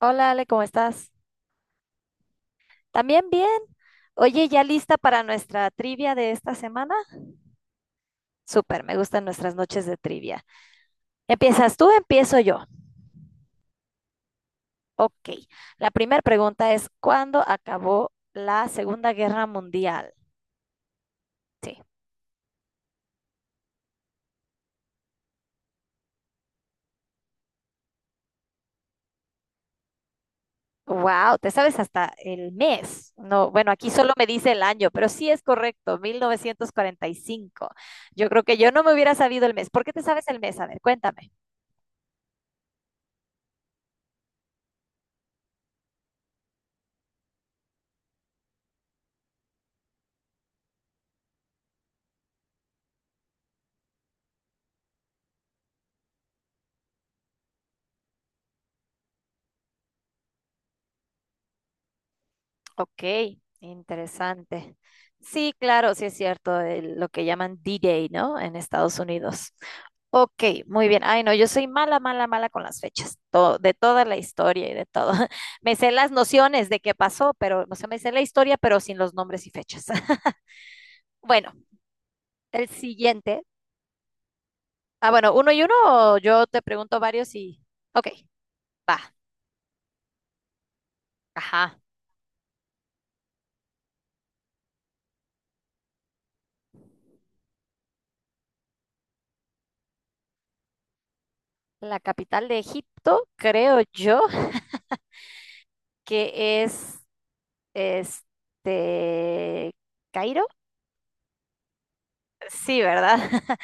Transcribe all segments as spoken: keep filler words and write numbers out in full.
Hola Ale, ¿cómo estás? También bien. Oye, ¿ya lista para nuestra trivia de esta semana? Súper, me gustan nuestras noches de trivia. ¿Empiezas tú? Empiezo yo. Ok. La primera pregunta es, ¿cuándo acabó la Segunda Guerra Mundial? Sí. Wow, te sabes hasta el mes. No, bueno, aquí solo me dice el año, pero sí es correcto, mil novecientos cuarenta y cinco. Yo creo que yo no me hubiera sabido el mes. ¿Por qué te sabes el mes? A ver, cuéntame. Ok, interesante. Sí, claro, sí es cierto, el- lo que llaman D-Day, ¿no? En Estados Unidos. Ok, muy bien. Ay, no, yo soy mala, mala, mala con las fechas, to- de toda la historia y de todo. Me sé las nociones de qué pasó, pero, o sea, me sé la historia, pero sin los nombres y fechas. Bueno, el siguiente. Ah, bueno, uno y uno, o yo te pregunto varios y... Ok, va. Ajá. La capital de Egipto, creo yo, que es Este, Cairo, sí, ¿verdad?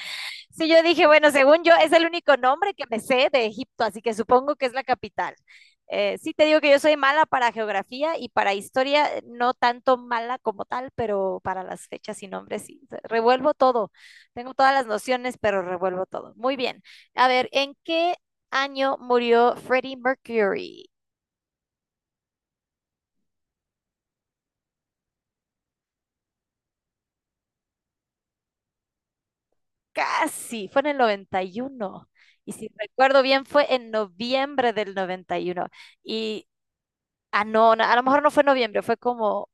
Sí, yo dije, bueno, según yo, es el único nombre que me sé de Egipto, así que supongo que es la capital. Eh, sí, te digo que yo soy mala para geografía y para historia, eh, no tanto mala como tal, pero para las fechas y nombres sí. Revuelvo todo. Tengo todas las nociones, pero revuelvo todo. Muy bien. A ver, ¿en qué año murió Freddie Mercury? Casi, fue en el noventa y uno, y si recuerdo bien, fue en noviembre del noventa Y, uno, y ah, no, no, a lo mejor no fue noviembre, fue como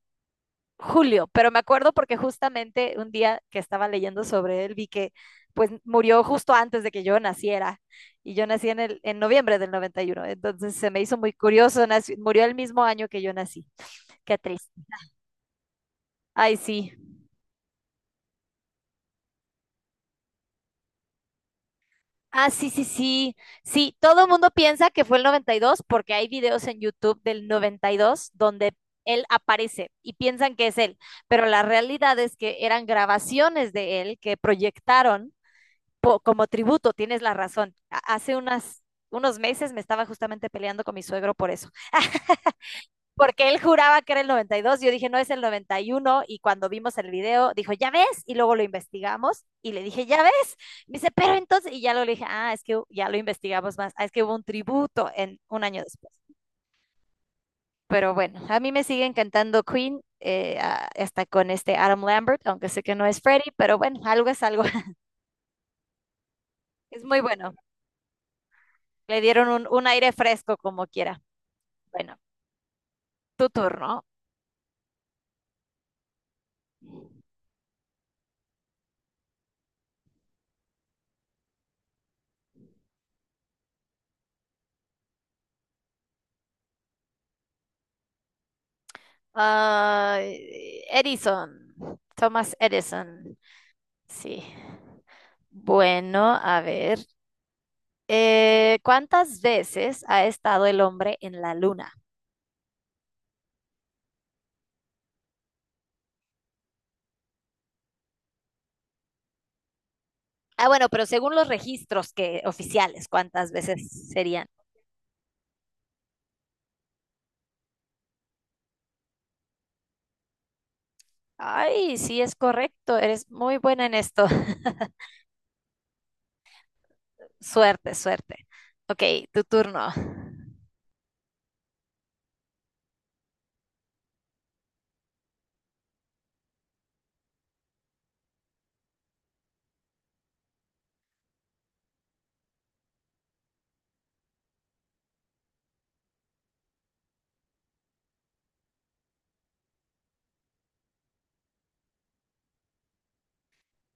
julio, pero me acuerdo porque justamente un día que estaba leyendo sobre él, vi que pues murió justo antes de que yo naciera. Y yo nací en, el, en noviembre del noventa y uno. Entonces se me hizo muy curioso, nació- murió el mismo año que yo nací. Qué triste. Ay, sí. Ah, sí, sí, sí. Sí, todo el mundo piensa que fue el noventa y dos porque hay videos en YouTube del noventa y dos donde él aparece y piensan que es él, pero la realidad es que eran grabaciones de él que proyectaron po- como tributo, tienes la razón. A- Hace unas, unos meses me estaba justamente peleando con mi suegro por eso. Porque él juraba que era el noventa y dos, yo dije, no es el noventa y uno, y uno, y cuando vimos el video, dijo, ya ves, y luego lo investigamos, y le dije, ya ves, me dice, pero entonces, y ya lo le dije, ah, es que ya lo investigamos más, ah, es que hubo un tributo en un año después. Pero bueno, a mí me sigue encantando Queen, eh, ah, hasta con este Adam Lambert, aunque sé que no es Freddie, pero bueno, algo es algo. Es muy bueno, le dieron un, un aire fresco como quiera. Bueno, tu turno. Uh, Edison, Thomas Edison. Sí. Bueno, a ver. Eh, ¿cuántas veces ha estado el hombre en la luna? Ah, bueno, pero según los registros que oficiales, ¿cuántas veces serían? Ay, sí es correcto. Eres muy buena en esto. Suerte, suerte. Ok, tu turno.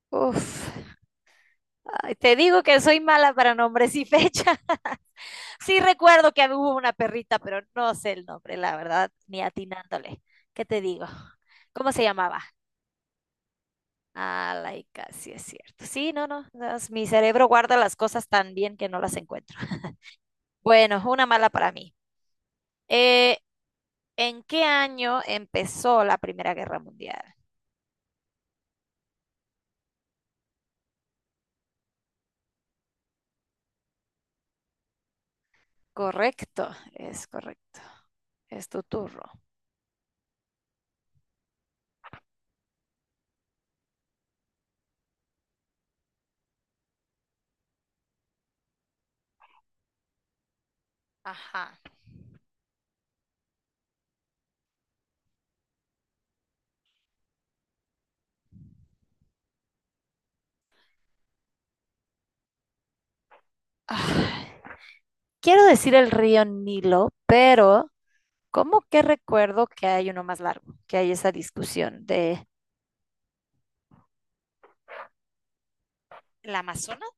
Uf. Ay, te digo que soy mala para nombres y fecha. Sí recuerdo que hubo una perrita, pero no sé el nombre, la verdad, ni atinándole. ¿Qué te digo? ¿Cómo se llamaba? Ah, laica, sí es cierto. Sí, no, no, las- mi cerebro guarda las cosas tan bien que no las encuentro. Bueno, una mala para mí. Eh, ¿En qué año empezó la Primera Guerra Mundial? Correcto, es correcto. Es tu turno. Ajá. Ah, Quiero decir el río Nilo, pero como que recuerdo que hay uno más largo, que hay esa discusión de... ¿El Amazonas?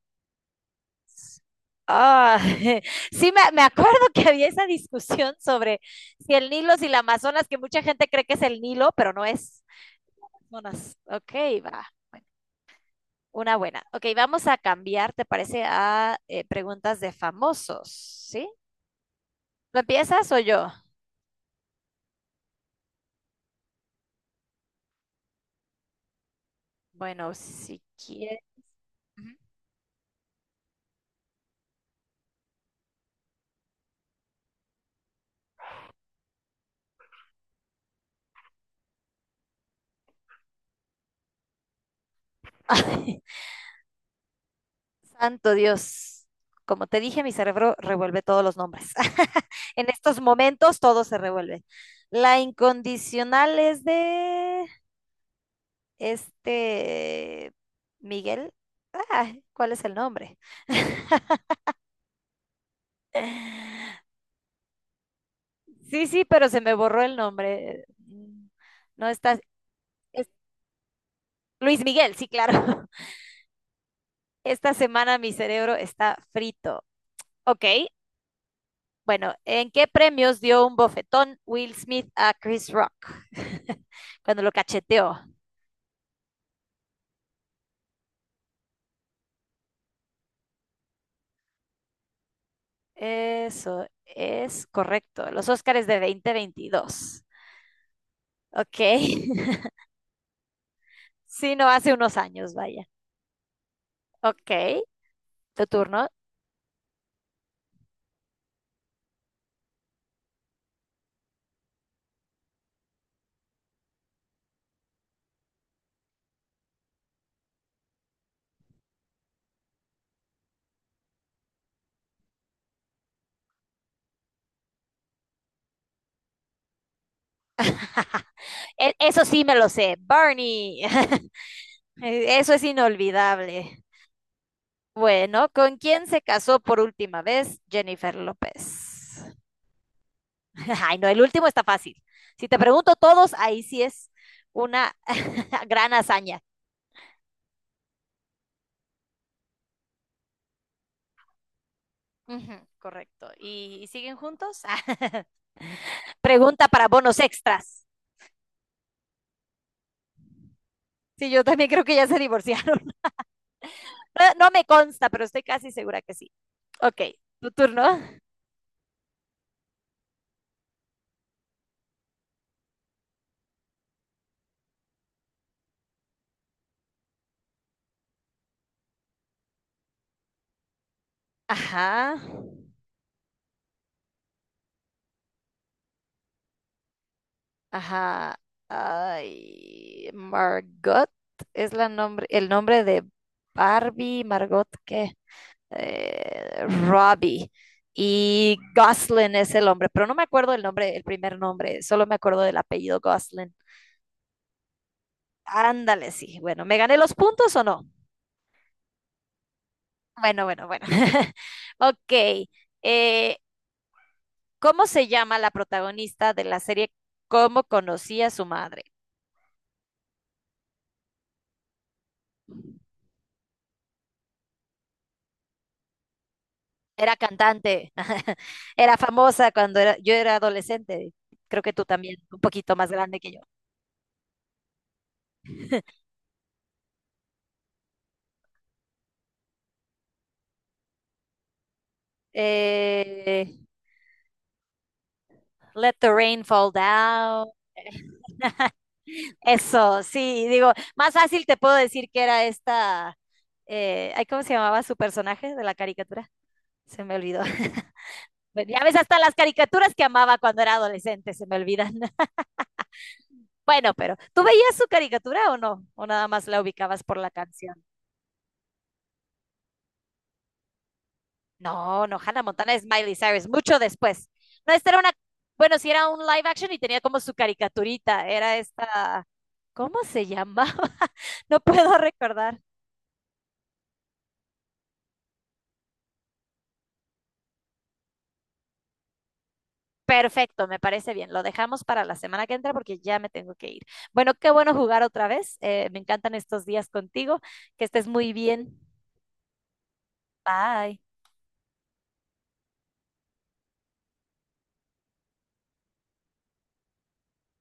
Ah, sí, me, me acuerdo que había esa discusión sobre si el Nilo, si la Amazonas, que mucha gente cree que es el Nilo, pero no es Amazonas. Ok, va. Una buena. Ok, vamos a cambiar, ¿te parece? A eh, preguntas de famosos, ¿sí? ¿Lo empiezas o yo? Bueno, si quieres. Ujú. Santo Dios. Como te dije, mi cerebro revuelve todos los nombres. En estos momentos todo se revuelve. La incondicional es de... Este, Miguel, ah, ¿cuál es el nombre? Sí, sí, pero se me borró el nombre. Mm, No está, es Luis Miguel, sí, claro. Esta semana mi cerebro está frito. Ok, bueno, ¿en qué premios dio un bofetón Will Smith a Chris Rock, cuando lo cacheteó? Eso es correcto, los Óscares de dos mil veintidós. Ok, sí, no hace unos años, vaya. Ok. Tu turno. E- Eso sí me lo sé. Barney. Eso es inolvidable. Bueno, ¿con quién se casó por última vez Jennifer López? Ay, no, el último está fácil. Si te pregunto todos, ahí sí es una gran hazaña. Ujú, correcto. ¿Y, y siguen juntos? Pregunta para bonos extras. Sí, yo también creo que ya se divorciaron. No, no me consta, pero estoy casi segura que sí. Ok, tu turno. Ajá. Ajá. Ay, Margot es la nombre, el nombre de Barbie, Margot, ¿qué? Eh, Robbie. Y Goslin es el hombre, pero no me acuerdo el nombre, el primer nombre, solo me acuerdo del apellido Goslin. Ándale, sí. Bueno, ¿me gané los puntos o no? Bueno, bueno, bueno. Ok. eh, ¿Cómo se llama la protagonista de la serie Cómo conocí a su madre? Era cantante, era famosa cuando era, yo era adolescente, creo que tú también, un poquito más grande que yo. Eh, Let the Rain Fall Down. Eso, sí, digo, más fácil te puedo decir que era esta, eh, ay, ¿cómo se llamaba su personaje de la caricatura? Se me olvidó. Bueno, ya ves, hasta las caricaturas que amaba cuando era adolescente se me olvidan. Bueno, pero ¿tú veías su caricatura o no? ¿O nada más la ubicabas por la canción? No, no, Hannah Montana es Miley Cyrus, mucho después. No, esta era una, bueno, sí era un live action y tenía como su caricaturita, era esta, ¿cómo se llamaba? No puedo recordar. Perfecto, me parece bien. Lo dejamos para la semana que entra porque ya me tengo que ir. Bueno, qué bueno jugar otra vez. Eh, me encantan estos días contigo. Que estés muy bien. Bye.